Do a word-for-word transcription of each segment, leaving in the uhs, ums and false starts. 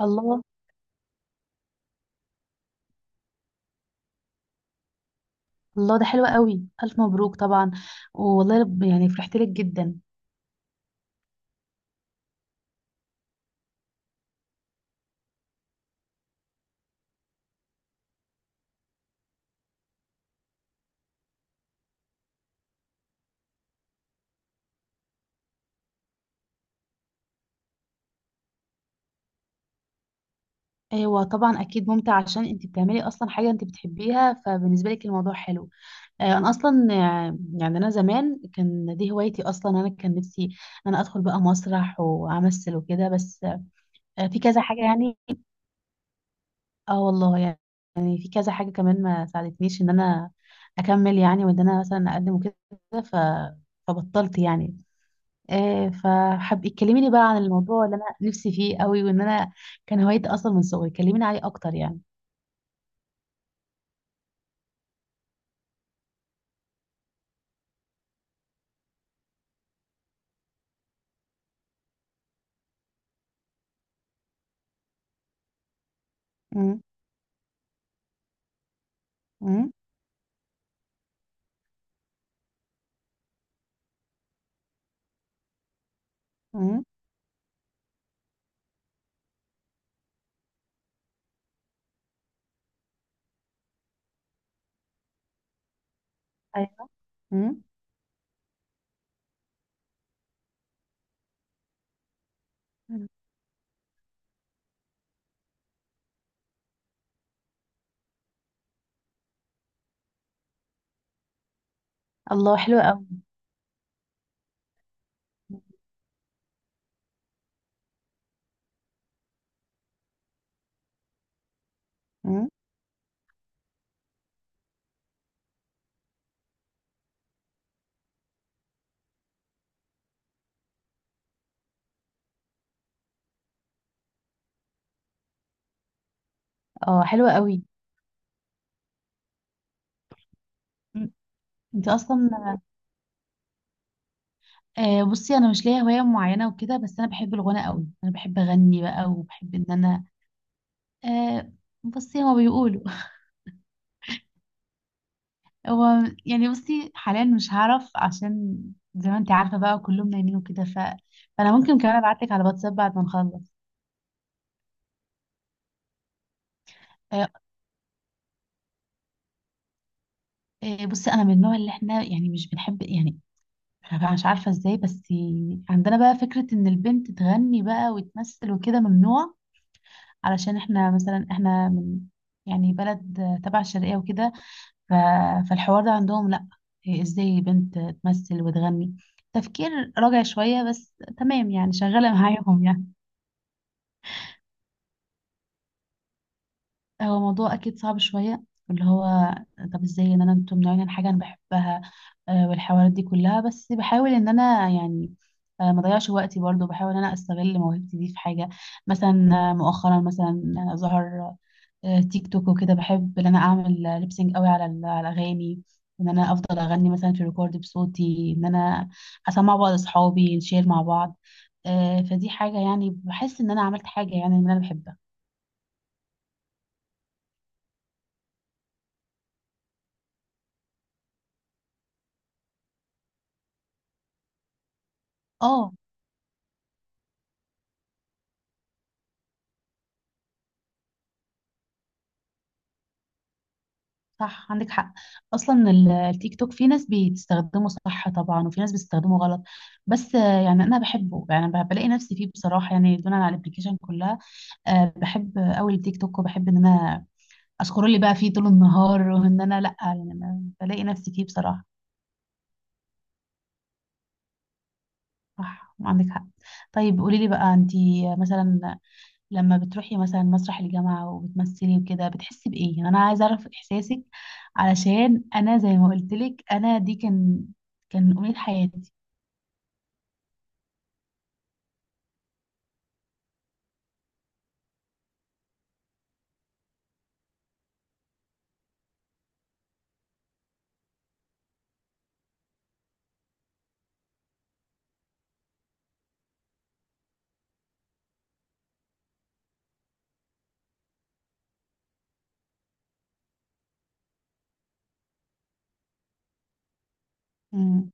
الله. الله ده حلو قوي، الف مبروك طبعا. والله ب- يعني فرحت لك جدا. ايوه طبعا، اكيد ممتع عشان انت بتعملي اصلا حاجه انت بتحبيها، فبالنسبه لك الموضوع حلو. آه، انا اصلا آه، يعني انا زمان كان دي هوايتي اصلا، انا كان نفسي ان انا ادخل بقى مسرح وامثل وكده بس. آه، في كذا حاجه يعني. اه والله يعني، يعني في كذا حاجه كمان ما ساعدتنيش ان انا اكمل يعني، وان انا مثلا اقدم وكده. ف- فبطلت يعني. آه، فحب اتكلمي لي بقى عن الموضوع اللي انا نفسي فيه قوي، وان انا كان هوايتي اصلا من صغري، كلميني عليه اكتر يعني. امم امم امم. ايوه. امم. الله حلوة قوي. امم. اه حلوة قوي. مم. انت اصلا آه، بصي انا مش ليا هواية معينة وكده، بس انا بحب الغنى قوي، انا بحب اغني بقى وبحب ان انا آه، بصي هما بيقولوا هو، يعني بصي حاليا مش هعرف، عشان زي ما انت عارفة بقى كلهم نايمين وكده ف... فانا ممكن كمان ابعت لك على الواتساب بعد ما نخلص. آه، آه، بصي انا من النوع اللي احنا يعني مش بنحب يعني، أنا مش عارفه ازاي بس عندنا بقى فكره ان البنت تغني بقى وتمثل وكده ممنوع، علشان احنا مثلا احنا من يعني بلد آه، تبع الشرقيه وكده. ف- فالحوار ده عندهم لا، إيه، ازاي بنت تمثل وتغني، تفكير راجع شويه، بس تمام يعني، شغاله معاهم يعني. هو موضوع اكيد صعب شويه، اللي هو طب ازاي ان انا انتوا ممنوعين عن حاجه انا بحبها، آه، والحوارات دي كلها. بس بحاول ان انا يعني آه، ما اضيعش وقتي برضو، بحاول ان انا استغل موهبتي دي في حاجه. مثلا آه، مؤخرا مثلا آه، ظهر آه، تيك توك وكده، بحب ان انا اعمل ليبسينج قوي على ال- على الاغاني، ان انا افضل اغني مثلا في ريكورد بصوتي، ان انا اسمع بعض اصحابي نشير مع بعض. آه، فدي حاجه يعني بحس ان انا عملت حاجه يعني ان انا بحبها. اه صح عندك حق، اصلا ال- التيك توك في ناس بتستخدمه صح طبعا، وفي ناس بتستخدمه غلط. بس آه، يعني انا بحبه يعني، ب- بلاقي نفسي فيه بصراحه يعني، دونا على الابلكيشن كلها. آه، بحب قوي التيك توك، وبحب ان انا اسكرول اللي بقى فيه طول النهار، وان انا لا يعني أنا بلاقي نفسي فيه بصراحه. صح عندك حق. طيب قولي لي بقى، انتي مثلا لما بتروحي مثلا مسرح الجامعة وبتمثلي وكده بتحسي بإيه؟ يعني أنا عايزة أعرف إحساسك، علشان أنا زي ما قلتلك أنا دي كان كان أمنية حياتي. مم.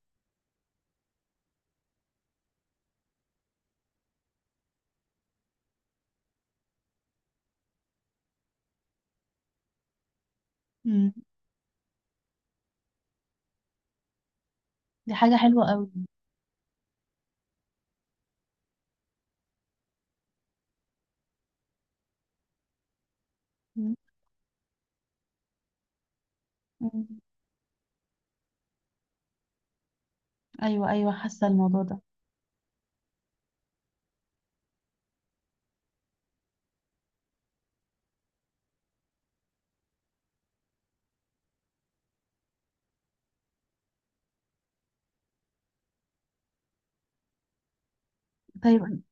مم. دي حاجة حلوة قوي. مم. مم. أيوة أيوة، حاسة الموضوع ده. طيب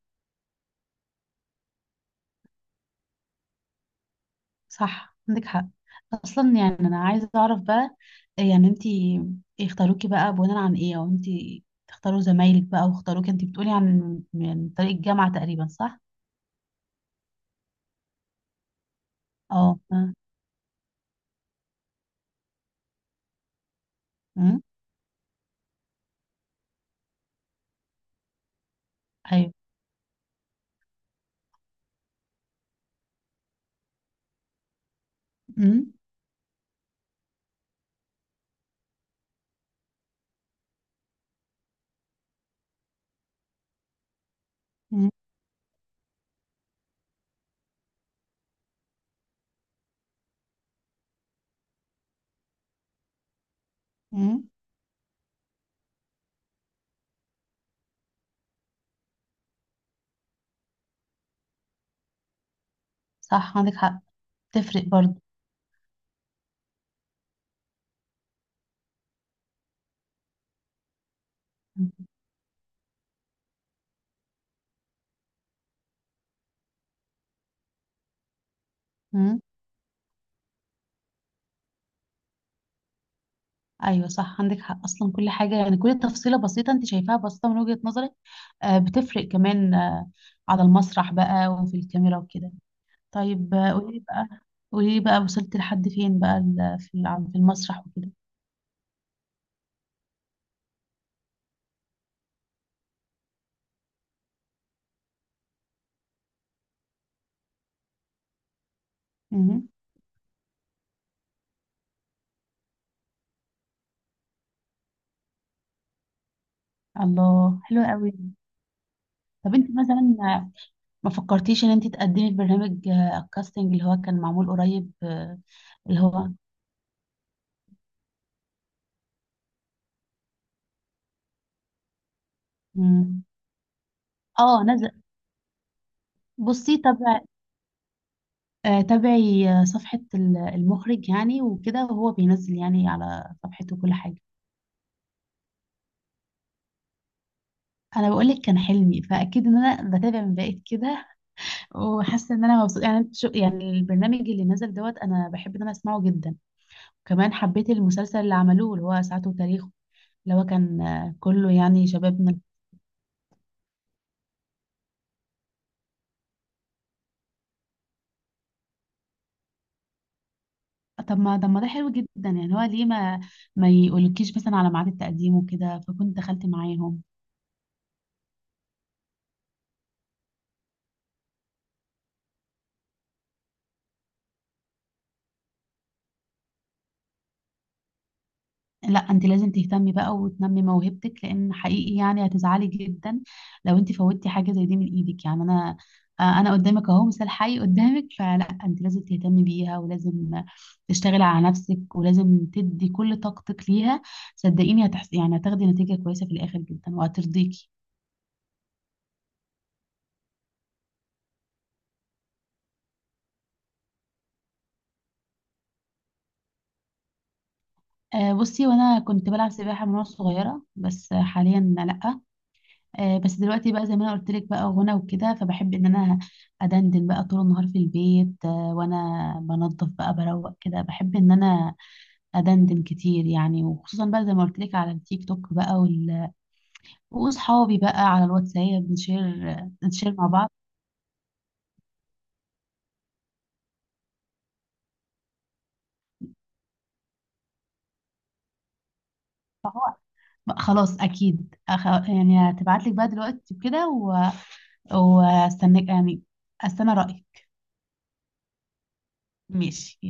صح عندك حق. أصلا يعني أنا عايزة أعرف بقى، يعني أنتي اختاروكي بقى بناء عن إيه، أو أنتي تختاروا زمايلك بقى واختاروكي أنتي؟ بتقولي عن من طريق الجامعة تقريبا صح؟ أه أه. أمم. أيوة. أمم. مم. صح عندك حق. تفرق برضه. مم. ايوه صح عندك حق، اصلا كل حاجه يعني كل تفصيله بسيطه انت شايفاها بسيطه من وجهه نظرك، آه بتفرق كمان، آه على المسرح بقى وفي الكاميرا وكده. طيب آه، قولي بقى، قولي بقى وصلت لحد فين بقى ال- في عم- في المسرح وكده. مم. الله حلو قوي. طب انت مثلا آه، ما فكرتيش ان انت تقدمي في برنامج آه، الكاستنج اللي هو كان معمول قريب، آه، اللي هو مم. اه نزل. بصي طب آه، تابعي آه، صفحة ال- المخرج يعني وكده، وهو بينزل يعني على صفحته كل حاجة. انا بقول لك كان حلمي، فاكيد ان انا بتابع من بعيد كده وحاسه ان انا مبسوطه يعني. انت شو يعني البرنامج اللي نزل دوت، انا بحب ان انا اسمعه جدا. كمان حبيت المسلسل اللي عملوه اللي هو ساعته وتاريخه، اللي هو كان آه، كله يعني شبابنا. طب ما طب ما ده حلو جدا، يعني هو ليه ما ما يقولكيش مثلا على ميعاد التقديم وكده فكنت دخلت معاهم. لا انت لازم تهتمي بقى وتنمي موهبتك، لان حقيقي يعني هتزعلي جدا لو انت فوتي حاجه زي دي من ايدك، يعني انا آه، انا قدامك اهو، مثال حي قدامك، فلا انت لازم تهتمي بيها، ولازم تشتغلي على نفسك، ولازم تدي كل طاقتك ليها. صدقيني هتحس يعني هتاخدي نتيجه كويسه في الاخر جدا وهترضيكي. آه، بصي وانا كنت بلعب سباحه من وانا صغيره، بس حاليا لا. آه، بس دلوقتي بقى زي ما انا قلت لك بقى غنى وكده، فبحب ان انا ادندن بقى طول النهار في البيت، آه، وانا بنظف بقى بروق كده، بحب ان انا ادندن كتير يعني، وخصوصا بقى زي ما قلت لك على التيك توك بقى وال... واصحابي بقى على الواتساب، بنشير آه، بنشير مع بعض. بقى خلاص اكيد، أخ... يعني هتبعت لك بقى دلوقتي كده و... واستناك يعني، استنى رايك. ماشي.